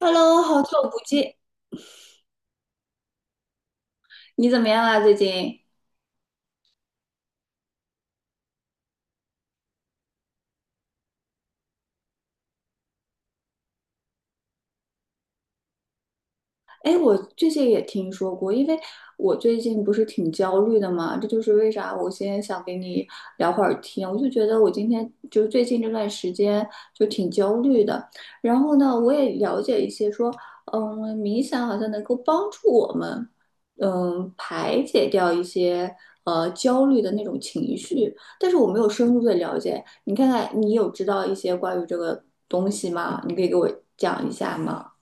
Hello，好久不见，你怎么样啊？最近？哎，我最近也听说过，因为我最近不是挺焦虑的嘛，这就是为啥我今天想跟你聊会儿天。我就觉得我今天就是最近这段时间就挺焦虑的，然后呢，我也了解一些说，冥想好像能够帮助我们，排解掉一些焦虑的那种情绪，但是我没有深入的了解。你看看，你有知道一些关于这个东西吗？你可以给我讲一下吗？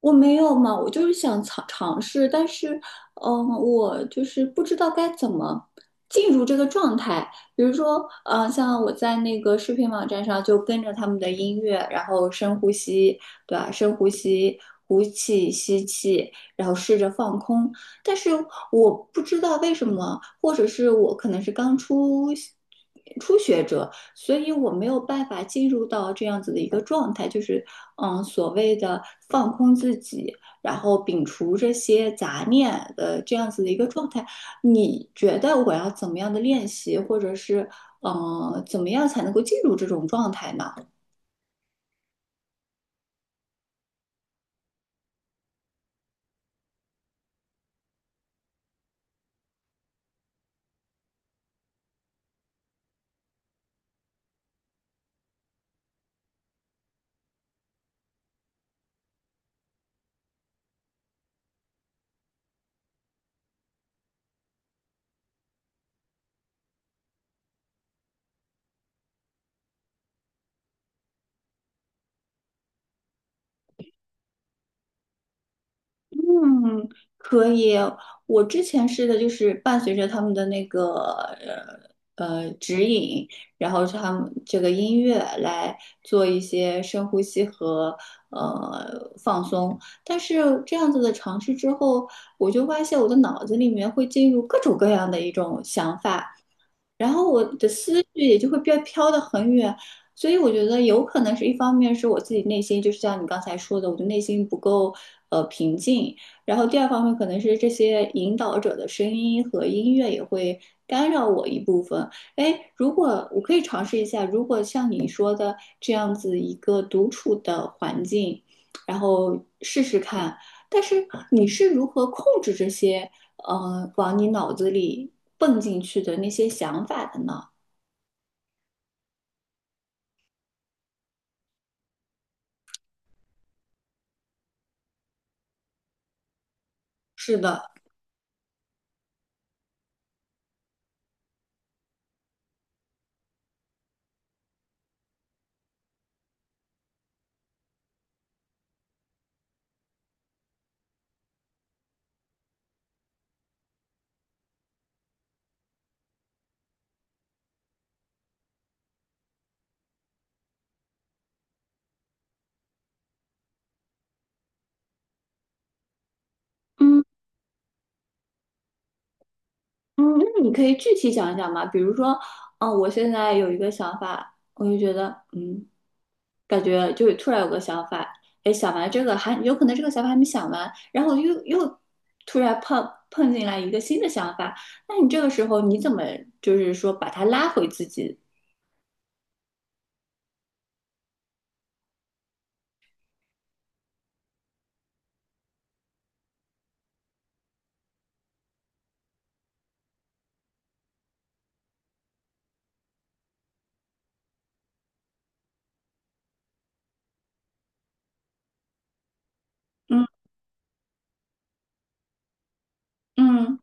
我没有嘛，我就是想尝试，但是，我就是不知道该怎么进入这个状态。比如说，像我在那个视频网站上就跟着他们的音乐，然后深呼吸，对吧？深呼吸，呼气、吸气，然后试着放空。但是我不知道为什么，或者是我可能是初学者，所以我没有办法进入到这样子的一个状态，就是所谓的放空自己，然后摒除这些杂念的这样子的一个状态。你觉得我要怎么样的练习，或者是怎么样才能够进入这种状态呢？嗯，可以。我之前试的就是伴随着他们的那个指引，然后是他们这个音乐来做一些深呼吸和放松。但是这样子的尝试之后，我就发现我的脑子里面会进入各种各样的一种想法，然后我的思绪也就会飘得很远，所以我觉得有可能是一方面是我自己内心，就是像你刚才说的，我的内心不够平静，然后第二方面可能是这些引导者的声音和音乐也会干扰我一部分。哎，如果我可以尝试一下，如果像你说的这样子一个独处的环境，然后试试看。但是你是如何控制这些往你脑子里蹦进去的那些想法的呢？是的，嗯嗯，那你可以具体讲一讲吗？比如说，我现在有一个想法，我就觉得，感觉就突然有个想法，哎，想完这个还有可能这个想法还没想完，然后又突然碰进来一个新的想法，那你这个时候你怎么就是说把它拉回自己？嗯嗯，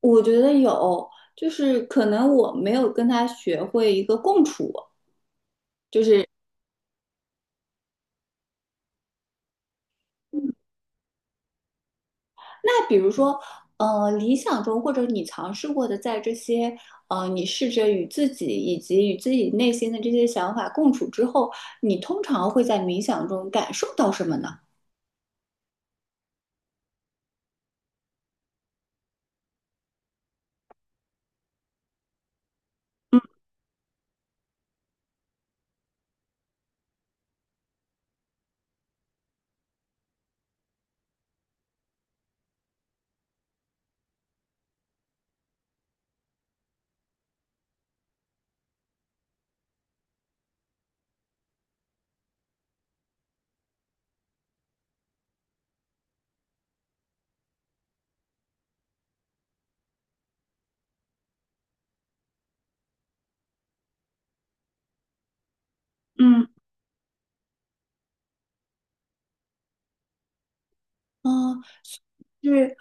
我觉得有，就是可能我没有跟他学会一个共处。就是那比如说，理想中或者你尝试过的，在这些你试着与自己以及与自己内心的这些想法共处之后，你通常会在冥想中感受到什么呢？嗯嗯、是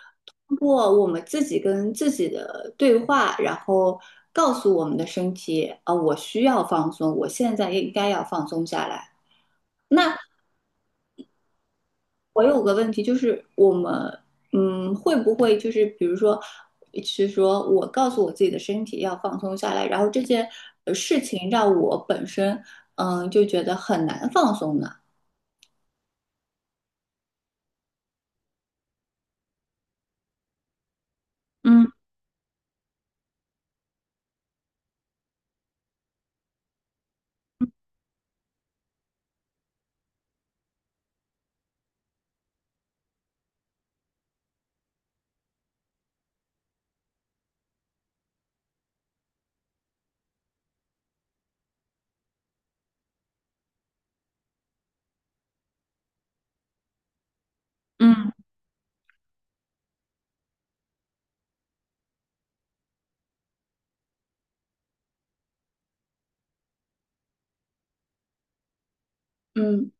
通过我们自己跟自己的对话，然后告诉我们的身体，啊、我需要放松，我现在应该要放松下来。那我有个问题，就是我们，会不会就是比如说，是说我告诉我自己的身体要放松下来，然后这件事情让我本身，就觉得很难放松呢？嗯嗯嗯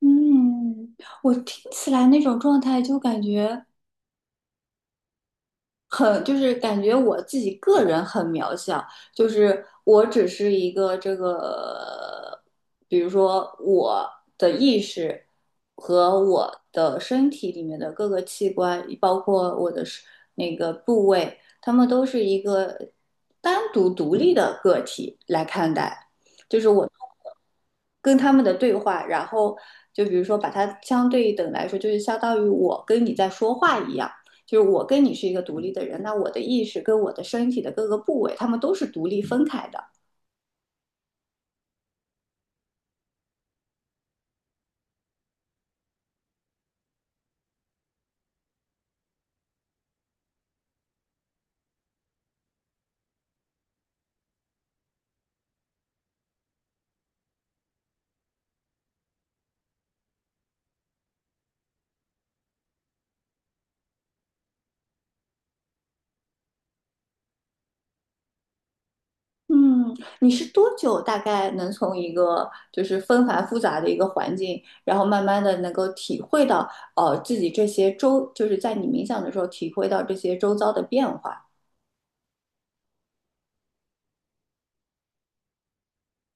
嗯，我听起来那种状态就感觉。很就是感觉我自己个人很渺小，就是我只是一个这个，比如说我的意识和我的身体里面的各个器官，包括我的是那个部位，它们都是一个单独独立的个体来看待。跟他们的对话，然后就比如说把它相对等来说，就是相当于我跟你在说话一样，就是我跟你是一个独立的人，那我的意识跟我的身体的各个部位，他们都是独立分开的。嗯，你是多久大概能从一个就是纷繁复杂的一个环境，然后慢慢的能够体会到，自己这些周，就是在你冥想的时候体会到这些周遭的变化。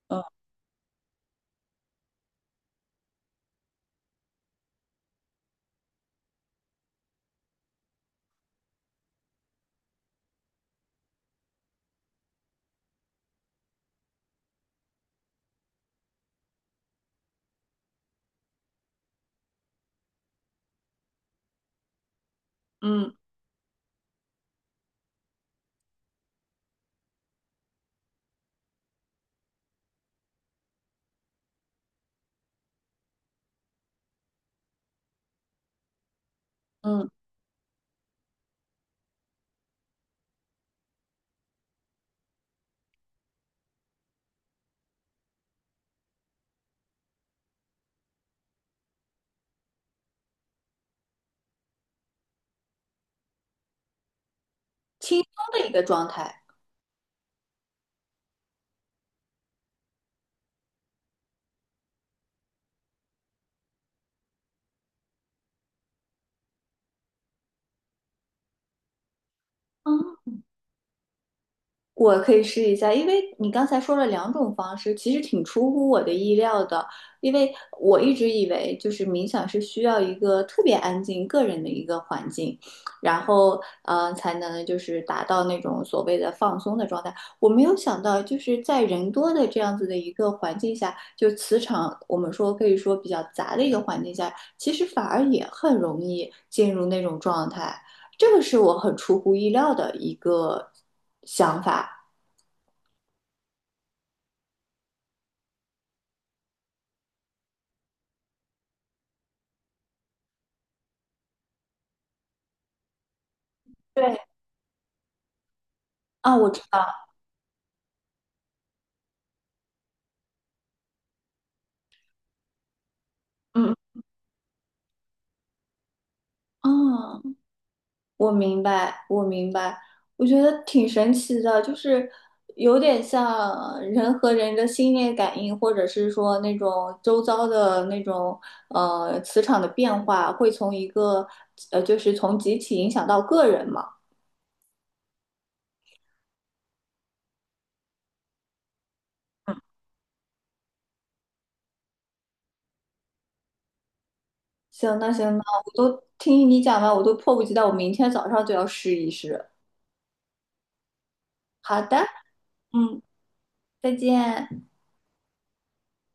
嗯嗯嗯，轻松的一个状态。嗯我可以试一下，因为你刚才说了两种方式，其实挺出乎我的意料的。因为我一直以为就是冥想是需要一个特别安静、个人的一个环境，然后才能就是达到那种所谓的放松的状态。我没有想到，就是在人多的这样子的一个环境下，就磁场我们说可以说比较杂的一个环境下，其实反而也很容易进入那种状态。这个是我很出乎意料的一个想法。对，啊，我知道，嗯，哦，我明白，我明白，我觉得挺神奇的，就是有点像人和人的心电感应，或者是说那种周遭的那种磁场的变化，会从一个就是从集体影响到个人嘛。嗯，行，那行，那我都听你讲完，我都迫不及待，我明天早上就要试一试。好的，嗯，再见。